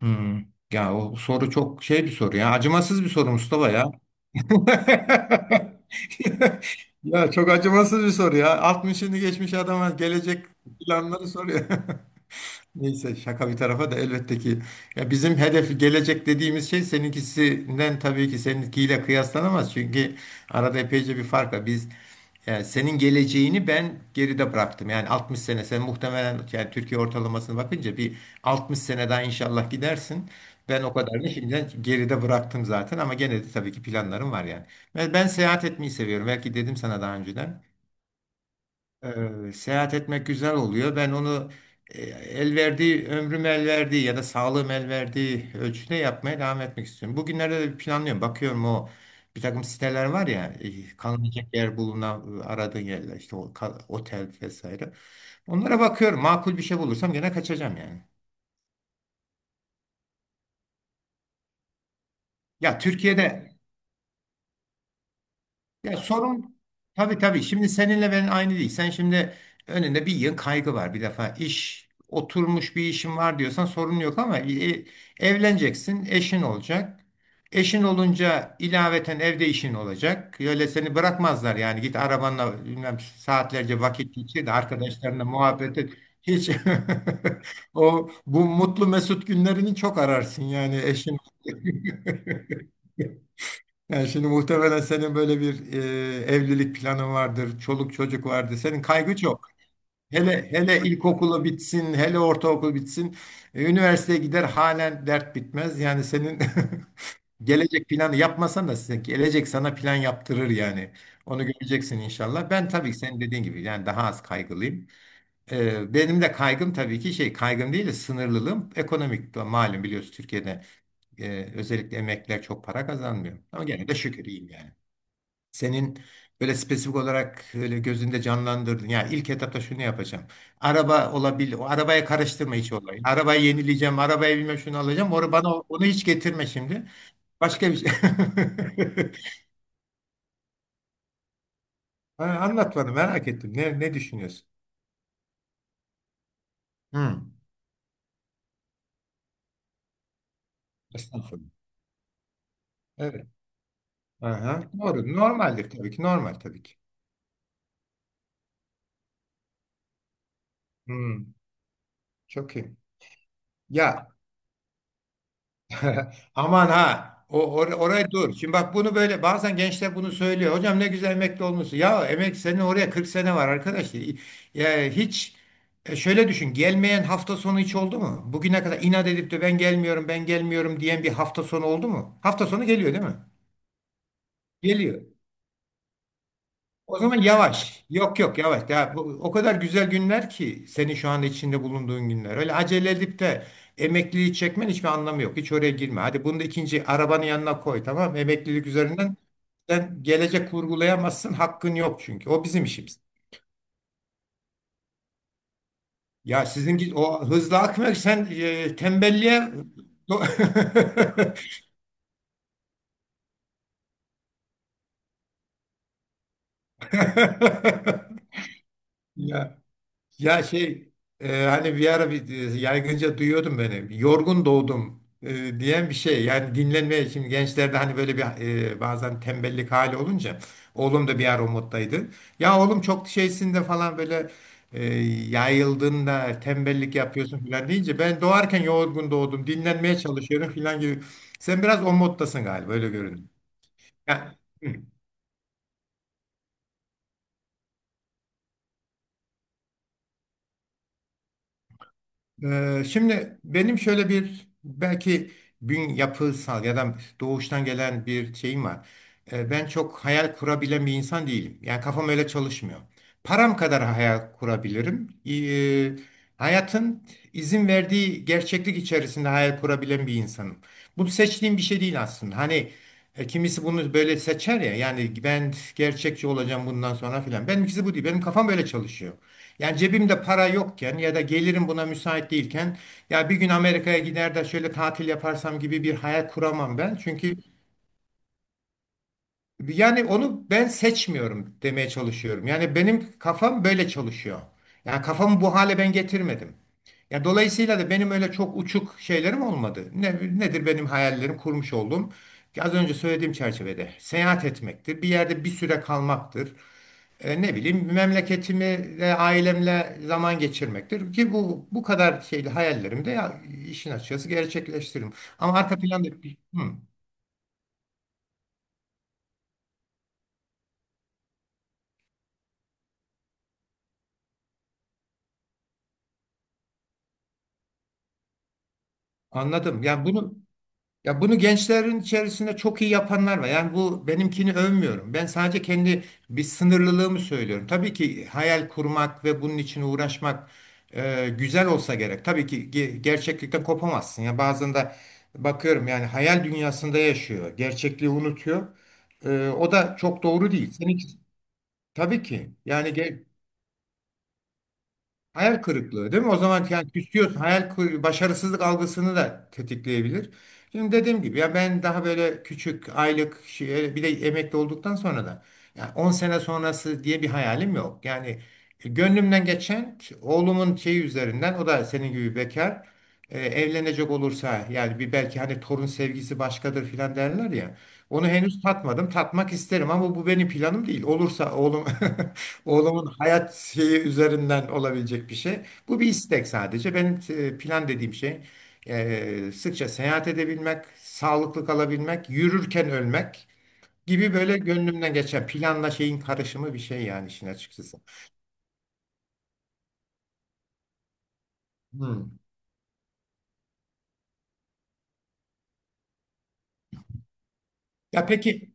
Hmm. Ya o soru çok şey bir soru ya. Acımasız bir soru, Mustafa ya. Ya çok acımasız bir soru ya. 60'ını geçmiş adama gelecek planları soruyor. Neyse, şaka bir tarafa da elbette ki ya bizim hedef gelecek dediğimiz şey seninkisinden tabii ki seninkiyle kıyaslanamaz. Çünkü arada epeyce bir fark var. Biz yani senin geleceğini ben geride bıraktım. Yani 60 sene sen muhtemelen yani Türkiye ortalamasına bakınca bir 60 sene daha inşallah gidersin. Ben o kadarını şimdiden geride bıraktım zaten ama gene de tabii ki planlarım var yani. Ben seyahat etmeyi seviyorum. Belki dedim sana daha önceden. Seyahat etmek güzel oluyor. Ben onu el verdiği, ömrüm el verdiği ya da sağlığım el verdiği ölçüde yapmaya devam etmek istiyorum. Bugünlerde de planlıyorum. Bakıyorum, o bir takım siteler var ya, kalınacak yer bulunan aradığın yerler, işte o, otel vesaire. Onlara bakıyorum. Makul bir şey bulursam gene kaçacağım yani. Ya Türkiye'de ya sorun tabii şimdi seninle ben aynı değil. Sen şimdi önünde bir yığın kaygı var bir defa. İş oturmuş bir işin var diyorsan sorun yok ama evleneceksin, eşin olacak. Eşin olunca ilaveten evde işin olacak. Öyle seni bırakmazlar yani git arabanla bilmem saatlerce vakit geçir de arkadaşlarınla muhabbet et. Hiç o bu mutlu mesut günlerini çok ararsın yani eşin. Yani şimdi muhtemelen senin böyle bir evlilik planın vardır, çoluk çocuk vardır. Senin kaygı çok. Hele hele ilkokulu bitsin, hele ortaokul bitsin, üniversiteye gider, halen dert bitmez. Yani senin gelecek planı yapmasan da size gelecek sana plan yaptırır yani. Onu göreceksin inşallah. Ben tabii ki senin dediğin gibi yani daha az kaygılıyım. Benim de kaygım tabii ki şey kaygım değil de sınırlılığım ekonomik. Malum biliyorsun, Türkiye'de özellikle emekliler çok para kazanmıyor. Ama gene de şükür iyiyim yani. Senin böyle spesifik olarak öyle gözünde canlandırdın. Ya ilk etapta şunu yapacağım. Araba olabilir. O arabaya karıştırma hiç olayı. Arabayı yenileyeceğim. Arabaya bilmem şunu alacağım. Onu bana, onu hiç getirme şimdi. Başka bir şey. Ha, anlat bana, merak ettim. Ne düşünüyorsun? Hmm. Estağfurullah. Evet. Aha. Doğru. Normaldir tabii ki. Normal tabii ki. Hmm. Çok iyi. Ya aman ha. O, oraya dur. Şimdi bak, bunu böyle bazen gençler bunu söylüyor. Hocam ne güzel emekli olmuşsun. Ya emek, senin oraya 40 sene var arkadaş. Ya hiç şöyle düşün. Gelmeyen hafta sonu hiç oldu mu? Bugüne kadar inat edip de ben gelmiyorum, ben gelmiyorum diyen bir hafta sonu oldu mu? Hafta sonu geliyor değil mi? Geliyor. O zaman yavaş. Yok yavaş. O kadar güzel günler ki senin şu anda içinde bulunduğun günler. Öyle acele edip de emekliliği çekmen hiçbir anlamı yok. Hiç oraya girme. Hadi bunu da ikinci arabanın yanına koy, tamam mı? Emeklilik üzerinden sen gelecek kurgulayamazsın. Hakkın yok çünkü. O bizim işimiz. Ya sizin o hızlı akmak sen tembelliğe... ya. Ya şey, hani bir ara bir, yaygınca duyuyordum beni. Yorgun doğdum diyen bir şey. Yani dinlenmeye, şimdi gençlerde hani böyle bir bazen tembellik hali olunca oğlum da bir ara o moddaydı. Ya oğlum çok şeysinde falan, böyle e, yayıldığında tembellik yapıyorsun falan deyince, ben doğarken yorgun doğdum dinlenmeye çalışıyorum falan gibi. Sen biraz o moddasın galiba, öyle görünüyor. Ya, hı. Şimdi benim şöyle bir belki yapısal ya da doğuştan gelen bir şeyim var. Ben çok hayal kurabilen bir insan değilim. Yani kafam öyle çalışmıyor. Param kadar hayal kurabilirim. Hayatın izin verdiği gerçeklik içerisinde hayal kurabilen bir insanım. Bu seçtiğim bir şey değil aslında. Hani kimisi bunu böyle seçer ya. Yani ben gerçekçi olacağım bundan sonra filan. Benimkisi bu değil. Benim kafam böyle çalışıyor. Yani cebimde para yokken ya da gelirim buna müsait değilken, ya bir gün Amerika'ya gider de şöyle tatil yaparsam gibi bir hayal kuramam ben. Çünkü yani onu ben seçmiyorum demeye çalışıyorum. Yani benim kafam böyle çalışıyor. Yani kafamı bu hale ben getirmedim. Ya dolayısıyla da benim öyle çok uçuk şeylerim olmadı. Ne, nedir benim hayallerim kurmuş olduğum? Ki az önce söylediğim çerçevede seyahat etmektir, bir yerde bir süre kalmaktır. E, ne bileyim, memleketimi ve ailemle zaman geçirmektir ki bu bu kadar şeyli hayallerimi de ya, işin açıkçası gerçekleştiririm. Ama arka planda hı, anladım. Yani bunu, ya bunu gençlerin içerisinde çok iyi yapanlar var. Yani bu, benimkini övmüyorum. Ben sadece kendi bir sınırlılığımı söylüyorum. Tabii ki hayal kurmak ve bunun için uğraşmak güzel olsa gerek. Tabii ki gerçeklikten kopamazsın. Ya bazen de bakıyorum yani hayal dünyasında yaşıyor, gerçekliği unutuyor. E, o da çok doğru değil. Seninki tabii ki yani hayal kırıklığı değil mi? O zaman yani küsüyorsun. Başarısızlık algısını da tetikleyebilir. Şimdi dediğim gibi ya ben daha böyle küçük aylık şey, bir de emekli olduktan sonra da yani 10 sene sonrası diye bir hayalim yok. Yani gönlümden geçen oğlumun şeyi üzerinden, o da senin gibi bekar, evlenecek olursa yani bir, belki hani torun sevgisi başkadır filan derler ya. Onu henüz tatmadım. Tatmak isterim ama bu benim planım değil. Olursa oğlum. Oğlumun hayat şeyi üzerinden olabilecek bir şey. Bu bir istek sadece. Benim plan dediğim şey, sıkça seyahat edebilmek, sağlıklı kalabilmek, yürürken ölmek gibi böyle gönlümden geçen planla şeyin karışımı bir şey yani işin açıkçası. Hmm. Ya peki,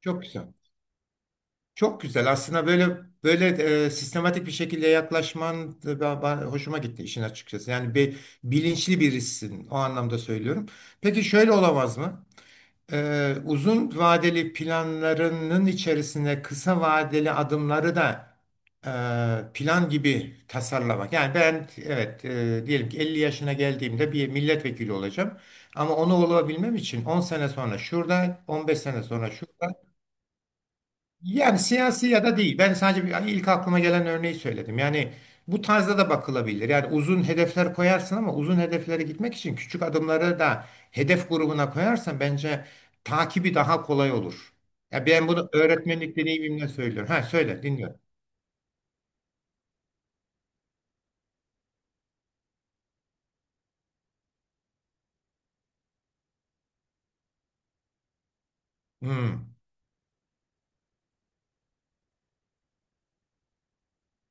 çok güzel. Çok güzel. Aslında böyle böyle sistematik bir şekilde yaklaşman da hoşuma gitti işin açıkçası. Yani bir bilinçli birisin o anlamda söylüyorum. Peki şöyle olamaz mı? Uzun vadeli planlarının içerisine kısa vadeli adımları da plan gibi tasarlamak. Yani ben, evet, diyelim ki 50 yaşına geldiğimde bir milletvekili olacağım. Ama onu olabilmem için 10 sene sonra şurada, 15 sene sonra şurada, yani siyasi ya da değil. Ben sadece yani ilk aklıma gelen örneği söyledim. Yani bu tarzda da bakılabilir. Yani uzun hedefler koyarsın ama uzun hedeflere gitmek için küçük adımları da hedef grubuna koyarsan bence takibi daha kolay olur. Ya ben bunu öğretmenlik deneyimimle söylüyorum. Ha, söyle, dinliyorum. Hmm,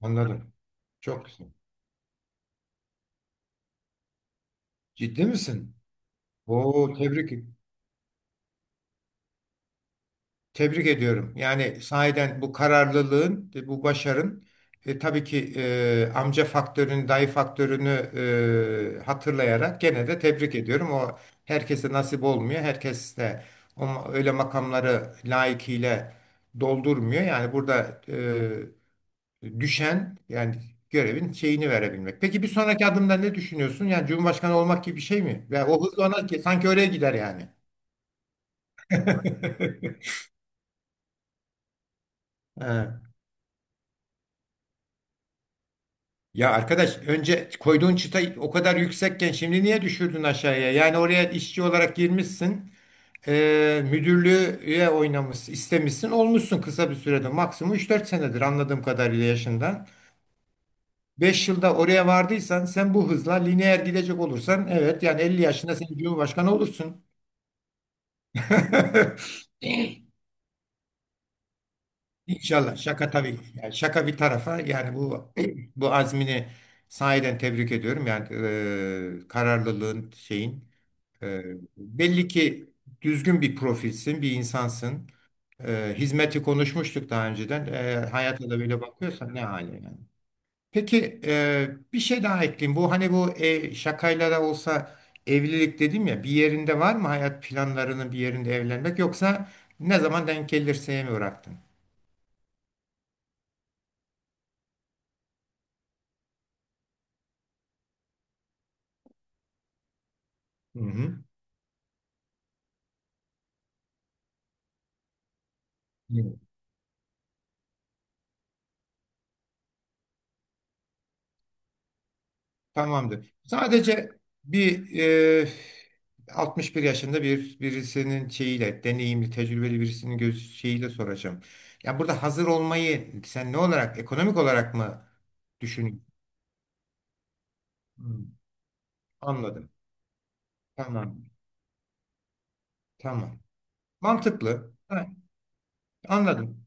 anladım. Çok güzel. Ciddi misin? Oo, tebrik. Tebrik ediyorum. Yani sahiden bu kararlılığın, bu başarın tabii ki amca faktörünü, dayı faktörünü hatırlayarak gene de tebrik ediyorum. O herkese nasip olmuyor. Herkes de o, öyle makamları layıkıyla doldurmuyor. Yani burada düşen yani görevin şeyini verebilmek. Peki bir sonraki adımda ne düşünüyorsun? Yani Cumhurbaşkanı olmak gibi bir şey mi? Ve o hız ona sanki oraya gider yani. He. Ya arkadaş, önce koyduğun çıta o kadar yüksekken şimdi niye düşürdün aşağıya? Yani oraya işçi olarak girmişsin, müdürlüğe oynamışsın, istemişsin, olmuşsun kısa bir sürede. Maksimum üç dört senedir anladığım kadarıyla yaşından. Beş yılda oraya vardıysan sen bu hızla lineer gidecek olursan evet yani 50 yaşında sen Cumhurbaşkanı olursun. İnşallah, şaka tabii, yani şaka bir tarafa yani bu bu azmini sahiden tebrik ediyorum yani kararlılığın şeyin. Ee, Belli ki düzgün bir profilsin, bir insansın. Hizmeti konuşmuştuk daha önceden. Hayata da böyle bakıyorsan ne hali yani. Peki bir şey daha ekleyeyim. Bu hani bu şakayla da olsa evlilik dedim ya, bir yerinde var mı hayat planlarının bir yerinde evlenmek, yoksa ne zaman denk gelirse mi bıraktın? Hı hı. Tamamdır. Sadece bir e, 61 yaşında bir birisinin şeyiyle, deneyimli, tecrübeli birisinin göz şeyiyle soracağım. Ya burada hazır olmayı sen ne olarak, ekonomik olarak mı düşünüyorsun? Hmm, anladım. Tamam. Tamam. Mantıklı. Ha, anladım.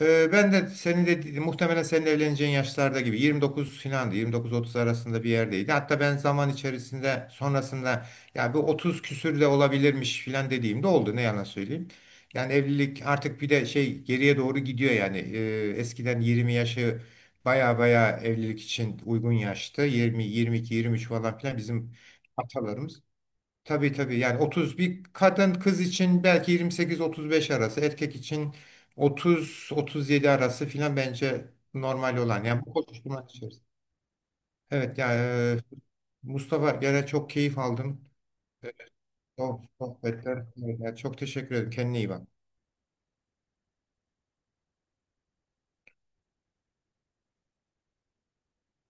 Ben de senin de muhtemelen senin evleneceğin yaşlarda gibi 29 filandı, 29-30 arasında bir yerdeydi. Hatta ben zaman içerisinde sonrasında ya bu 30 küsür de olabilirmiş filan dediğimde oldu, ne yalan söyleyeyim. Yani evlilik artık bir de şey geriye doğru gidiyor yani. Eskiden 20 yaşı baya baya evlilik için uygun yaştı. 20, 22, 23 falan filan bizim atalarımız. Tabii yani 30, bir kadın kız için belki 28-35 arası, erkek için 30-37 arası filan bence normal olan yani bu koşuşturma içerisinde. Evet ya, Mustafa, gene çok keyif aldım. O sohbetler. Evet, çok teşekkür ederim. Kendine iyi bak.